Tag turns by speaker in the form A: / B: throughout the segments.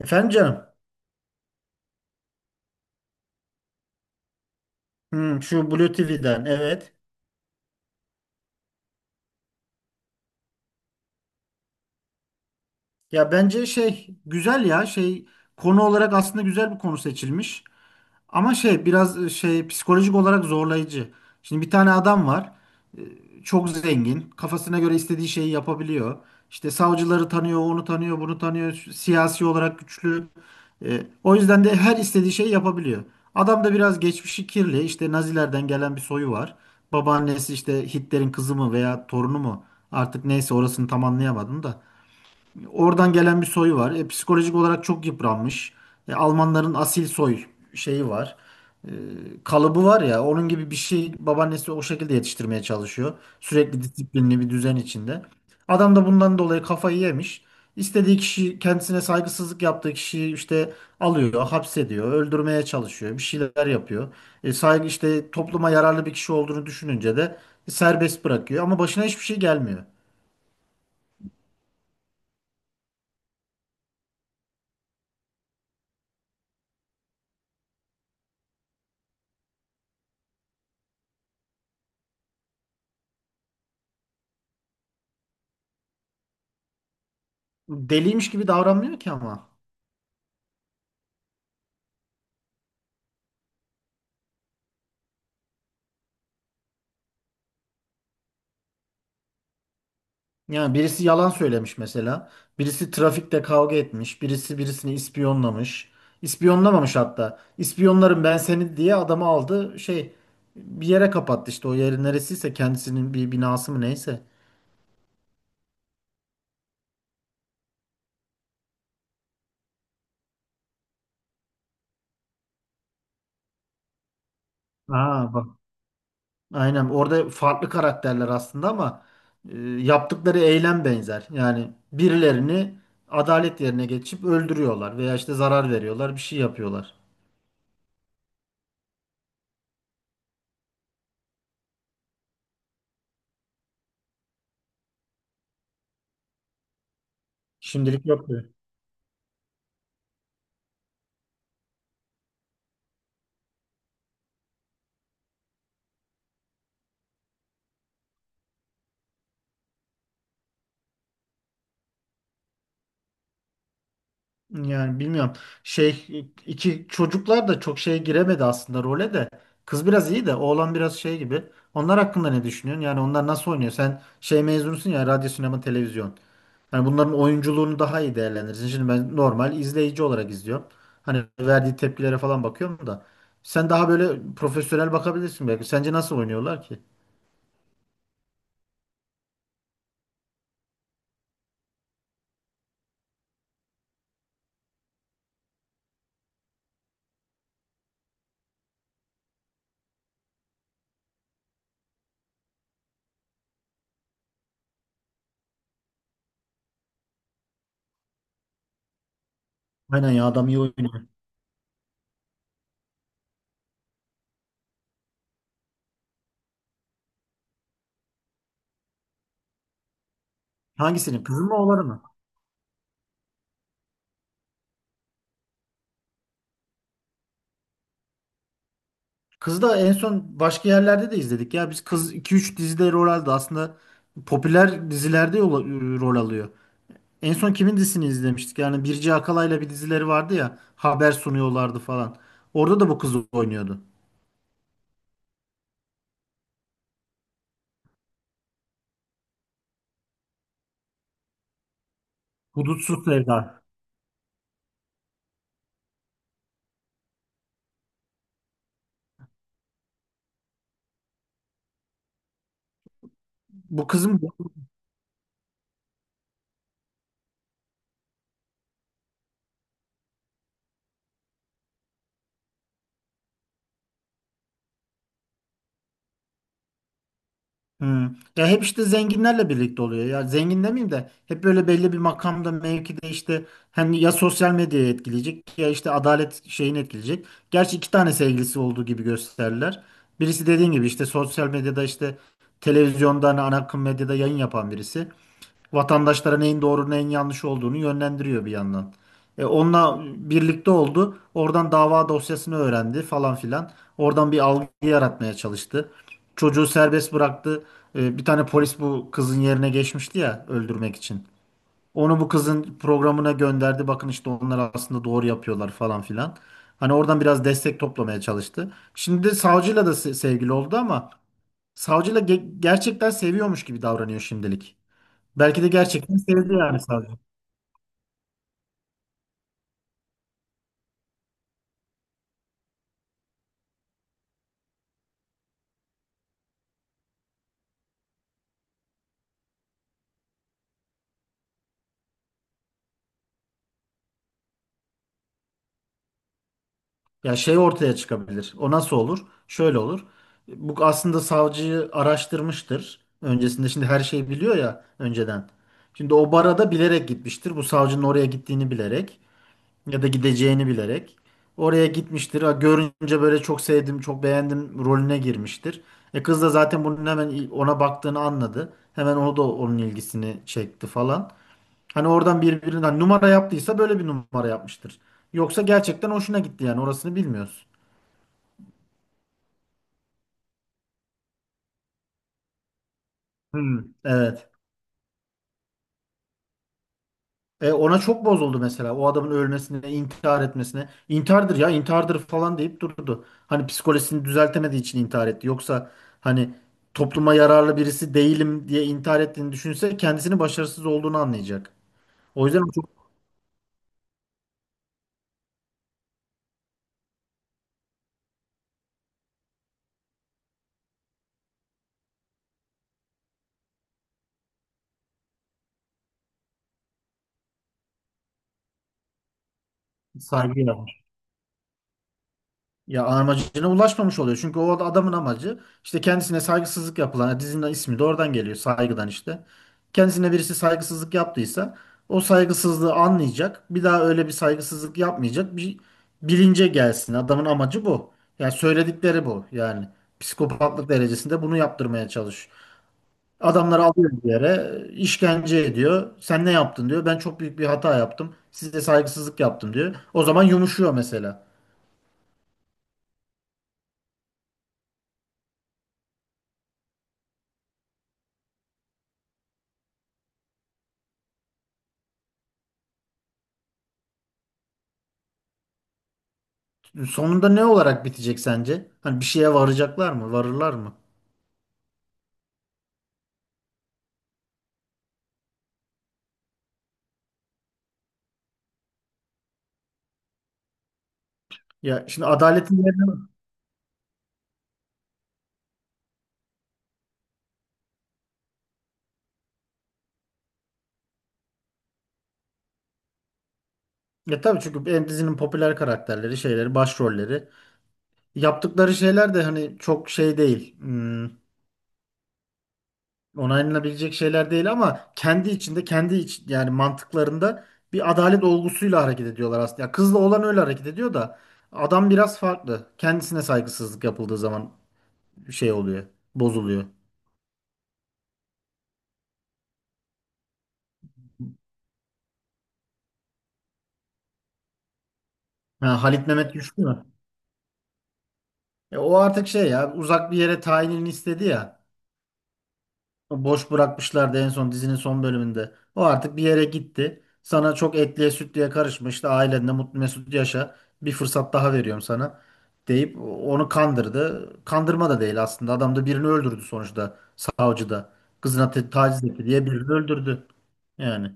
A: Efendim canım. Hmm, şu Blue TV'den evet. Ya bence şey güzel ya şey konu olarak aslında güzel bir konu seçilmiş. Ama şey biraz şey psikolojik olarak zorlayıcı. Şimdi bir tane adam var. Çok zengin. Kafasına göre istediği şeyi yapabiliyor. İşte savcıları tanıyor, onu tanıyor, bunu tanıyor. Siyasi olarak güçlü. E, o yüzden de her istediği şeyi yapabiliyor. Adam da biraz geçmişi kirli. İşte Nazilerden gelen bir soyu var. Babaannesi işte Hitler'in kızı mı veya torunu mu? Artık neyse orasını tam anlayamadım da. Oradan gelen bir soyu var. E, psikolojik olarak çok yıpranmış. E, Almanların asil soy şeyi var. E, kalıbı var ya, onun gibi bir şey. Babaannesi o şekilde yetiştirmeye çalışıyor. Sürekli disiplinli bir düzen içinde. Adam da bundan dolayı kafayı yemiş. İstediği kişi, kendisine saygısızlık yaptığı kişiyi işte alıyor, hapsediyor, öldürmeye çalışıyor, bir şeyler yapıyor. E, saygı, işte topluma yararlı bir kişi olduğunu düşününce de serbest bırakıyor ama başına hiçbir şey gelmiyor. Deliymiş gibi davranmıyor ki ama. Yani birisi yalan söylemiş mesela. Birisi trafikte kavga etmiş. Birisi birisini ispiyonlamış. İspiyonlamamış hatta. İspiyonlarım ben seni diye adamı aldı. Şey, bir yere kapattı, işte o yeri neresiyse kendisinin bir binası mı neyse. Aa bak. Aynen, orada farklı karakterler aslında ama e, yaptıkları eylem benzer. Yani birilerini adalet yerine geçip öldürüyorlar veya işte zarar veriyorlar, bir şey yapıyorlar. Şimdilik yok. Yani bilmiyorum. Şey, iki çocuklar da çok şeye giremedi aslında, role de. Kız biraz iyi de oğlan biraz şey gibi. Onlar hakkında ne düşünüyorsun? Yani onlar nasıl oynuyor? Sen şey mezunusun ya, radyo, sinema, televizyon. Hani bunların oyunculuğunu daha iyi değerlendirirsin. Şimdi ben normal izleyici olarak izliyorum. Hani verdiği tepkilere falan bakıyorum da. Sen daha böyle profesyonel bakabilirsin belki. Sence nasıl oynuyorlar ki? Aynen ya, adam iyi oynuyor. Hangisinin? Kızın mı oğlanı mı? Kızı da en son başka yerlerde de izledik ya. Biz kız iki üç dizide rol aldı. Aslında popüler dizilerde rol alıyor. En son kimin dizisini izlemiştik? Yani Birce Akalay'la bir dizileri vardı ya. Haber sunuyorlardı falan. Orada da bu kız oynuyordu. Hudutsuz Sevda. Bu kızım. Hmm. Ya hep işte zenginlerle birlikte oluyor. Ya zengin demeyeyim de hep böyle belli bir makamda, mevkide, işte hani ya sosyal medyayı etkileyecek ya işte adalet şeyini etkileyecek. Gerçi iki tane sevgilisi olduğu gibi gösterirler. Birisi, dediğin gibi, işte sosyal medyada, işte televizyonda, hani ana akım medyada yayın yapan birisi. Vatandaşlara neyin doğru neyin yanlış olduğunu yönlendiriyor bir yandan. E, onunla birlikte oldu. Oradan dava dosyasını öğrendi falan filan. Oradan bir algı yaratmaya çalıştı. Çocuğu serbest bıraktı. E, bir tane polis bu kızın yerine geçmişti ya öldürmek için. Onu bu kızın programına gönderdi. Bakın işte onlar aslında doğru yapıyorlar falan filan. Hani oradan biraz destek toplamaya çalıştı. Şimdi savcıyla da sevgili oldu ama savcıyla gerçekten seviyormuş gibi davranıyor şimdilik. Belki de gerçekten sevdi yani savcı. Ya şey ortaya çıkabilir. O nasıl olur? Şöyle olur. Bu aslında savcıyı araştırmıştır. Öncesinde, şimdi, her şeyi biliyor ya önceden. Şimdi o bara da bilerek gitmiştir. Bu savcının oraya gittiğini bilerek ya da gideceğini bilerek. Oraya gitmiştir. Ha, görünce böyle çok sevdim, çok beğendim rolüne girmiştir. E, kız da zaten bunun hemen ona baktığını anladı. Hemen o da onun ilgisini çekti falan. Hani oradan birbirinden numara yaptıysa böyle bir numara yapmıştır. Yoksa gerçekten hoşuna gitti, yani orasını bilmiyoruz. Hmm. Evet. E, ona çok bozuldu mesela. O adamın ölmesine, intihar etmesine. İntihardır ya, intihardır falan deyip durdu. Hani psikolojisini düzeltemediği için intihar etti. Yoksa hani topluma yararlı birisi değilim diye intihar ettiğini düşünse kendisini başarısız olduğunu anlayacak. O yüzden çok saygıyla. Ya amacına ulaşmamış oluyor. Çünkü o adamın amacı, işte kendisine saygısızlık yapılan, dizinin ismi de oradan geliyor, saygıdan işte. Kendisine birisi saygısızlık yaptıysa o saygısızlığı anlayacak. Bir daha öyle bir saygısızlık yapmayacak. Bir bilince gelsin. Adamın amacı bu. Yani söyledikleri bu. Yani psikopatlık derecesinde bunu yaptırmaya çalış. Adamları alıyor bir yere, işkence ediyor. Sen ne yaptın diyor. Ben çok büyük bir hata yaptım, size saygısızlık yaptım diyor. O zaman yumuşuyor mesela. Sonunda ne olarak bitecek sence? Hani bir şeye varacaklar mı? Varırlar mı? Ya şimdi adaletin yerine... Ya tabii, çünkü en, dizinin popüler karakterleri, şeyleri, başrolleri. Yaptıkları şeyler de hani çok şey değil. Hmm, onaylanabilecek şeyler değil ama kendi içinde, kendi iç, yani mantıklarında bir adalet olgusuyla hareket ediyorlar aslında. Ya kızla olan öyle hareket ediyor da adam biraz farklı. Kendisine saygısızlık yapıldığı zaman şey oluyor, bozuluyor. Ha, Halit Mehmet Güçlü mü? E, o artık şey, ya uzak bir yere tayinini istedi ya. O boş bırakmışlardı en son dizinin son bölümünde. O artık bir yere gitti. Sana çok, etliye sütlüye karışma işte, ailenle mutlu mesut yaşa. Bir fırsat daha veriyorum sana deyip onu kandırdı. Kandırma da değil aslında. Adam da birini öldürdü sonuçta, savcı da. Kızına taciz etti diye birini öldürdü. Yani.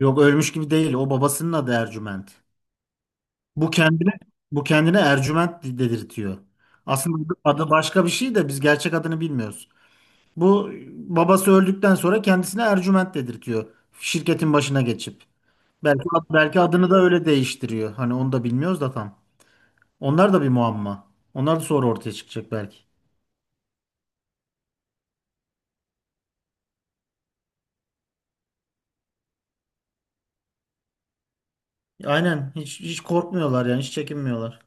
A: Yok, ölmüş gibi değil. O babasının adı Ercüment. Bu kendine bu kendine Ercüment dedirtiyor. Aslında adı başka bir şey de biz gerçek adını bilmiyoruz. Bu, babası öldükten sonra kendisine Ercüment dedirtiyor. Şirketin başına geçip. Belki belki adını da öyle değiştiriyor. Hani onu da bilmiyoruz da tam. Onlar da bir muamma. Onlar da sonra ortaya çıkacak belki. Aynen, hiç korkmuyorlar yani, hiç çekinmiyorlar.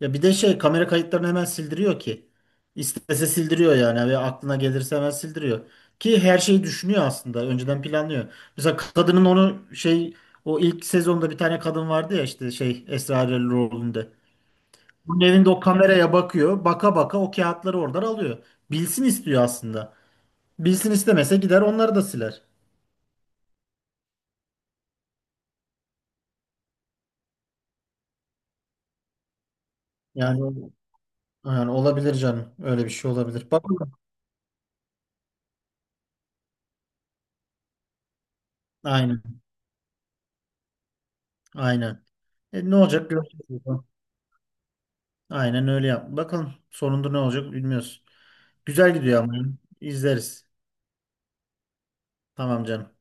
A: Ya bir de şey, kamera kayıtlarını hemen sildiriyor ki. İstese sildiriyor yani, ve aklına gelirse hemen sildiriyor. Ki her şeyi düşünüyor aslında. Önceden planlıyor. Mesela kadının onu şey, o ilk sezonda bir tane kadın vardı ya işte şey Esra Erol rolünde. Bunun evinde o kameraya bakıyor. Baka baka o kağıtları oradan alıyor. Bilsin istiyor aslında. Bilsin istemese gider onları da siler. Yani, yani, olabilir canım. Öyle bir şey olabilir. Bakalım. Aynen. Aynen. E, ne olacak? Göreceğiz. Aynen öyle yap. Bakalım sonunda ne olacak bilmiyoruz. Güzel gidiyor ama. İzleriz. Tamam canım.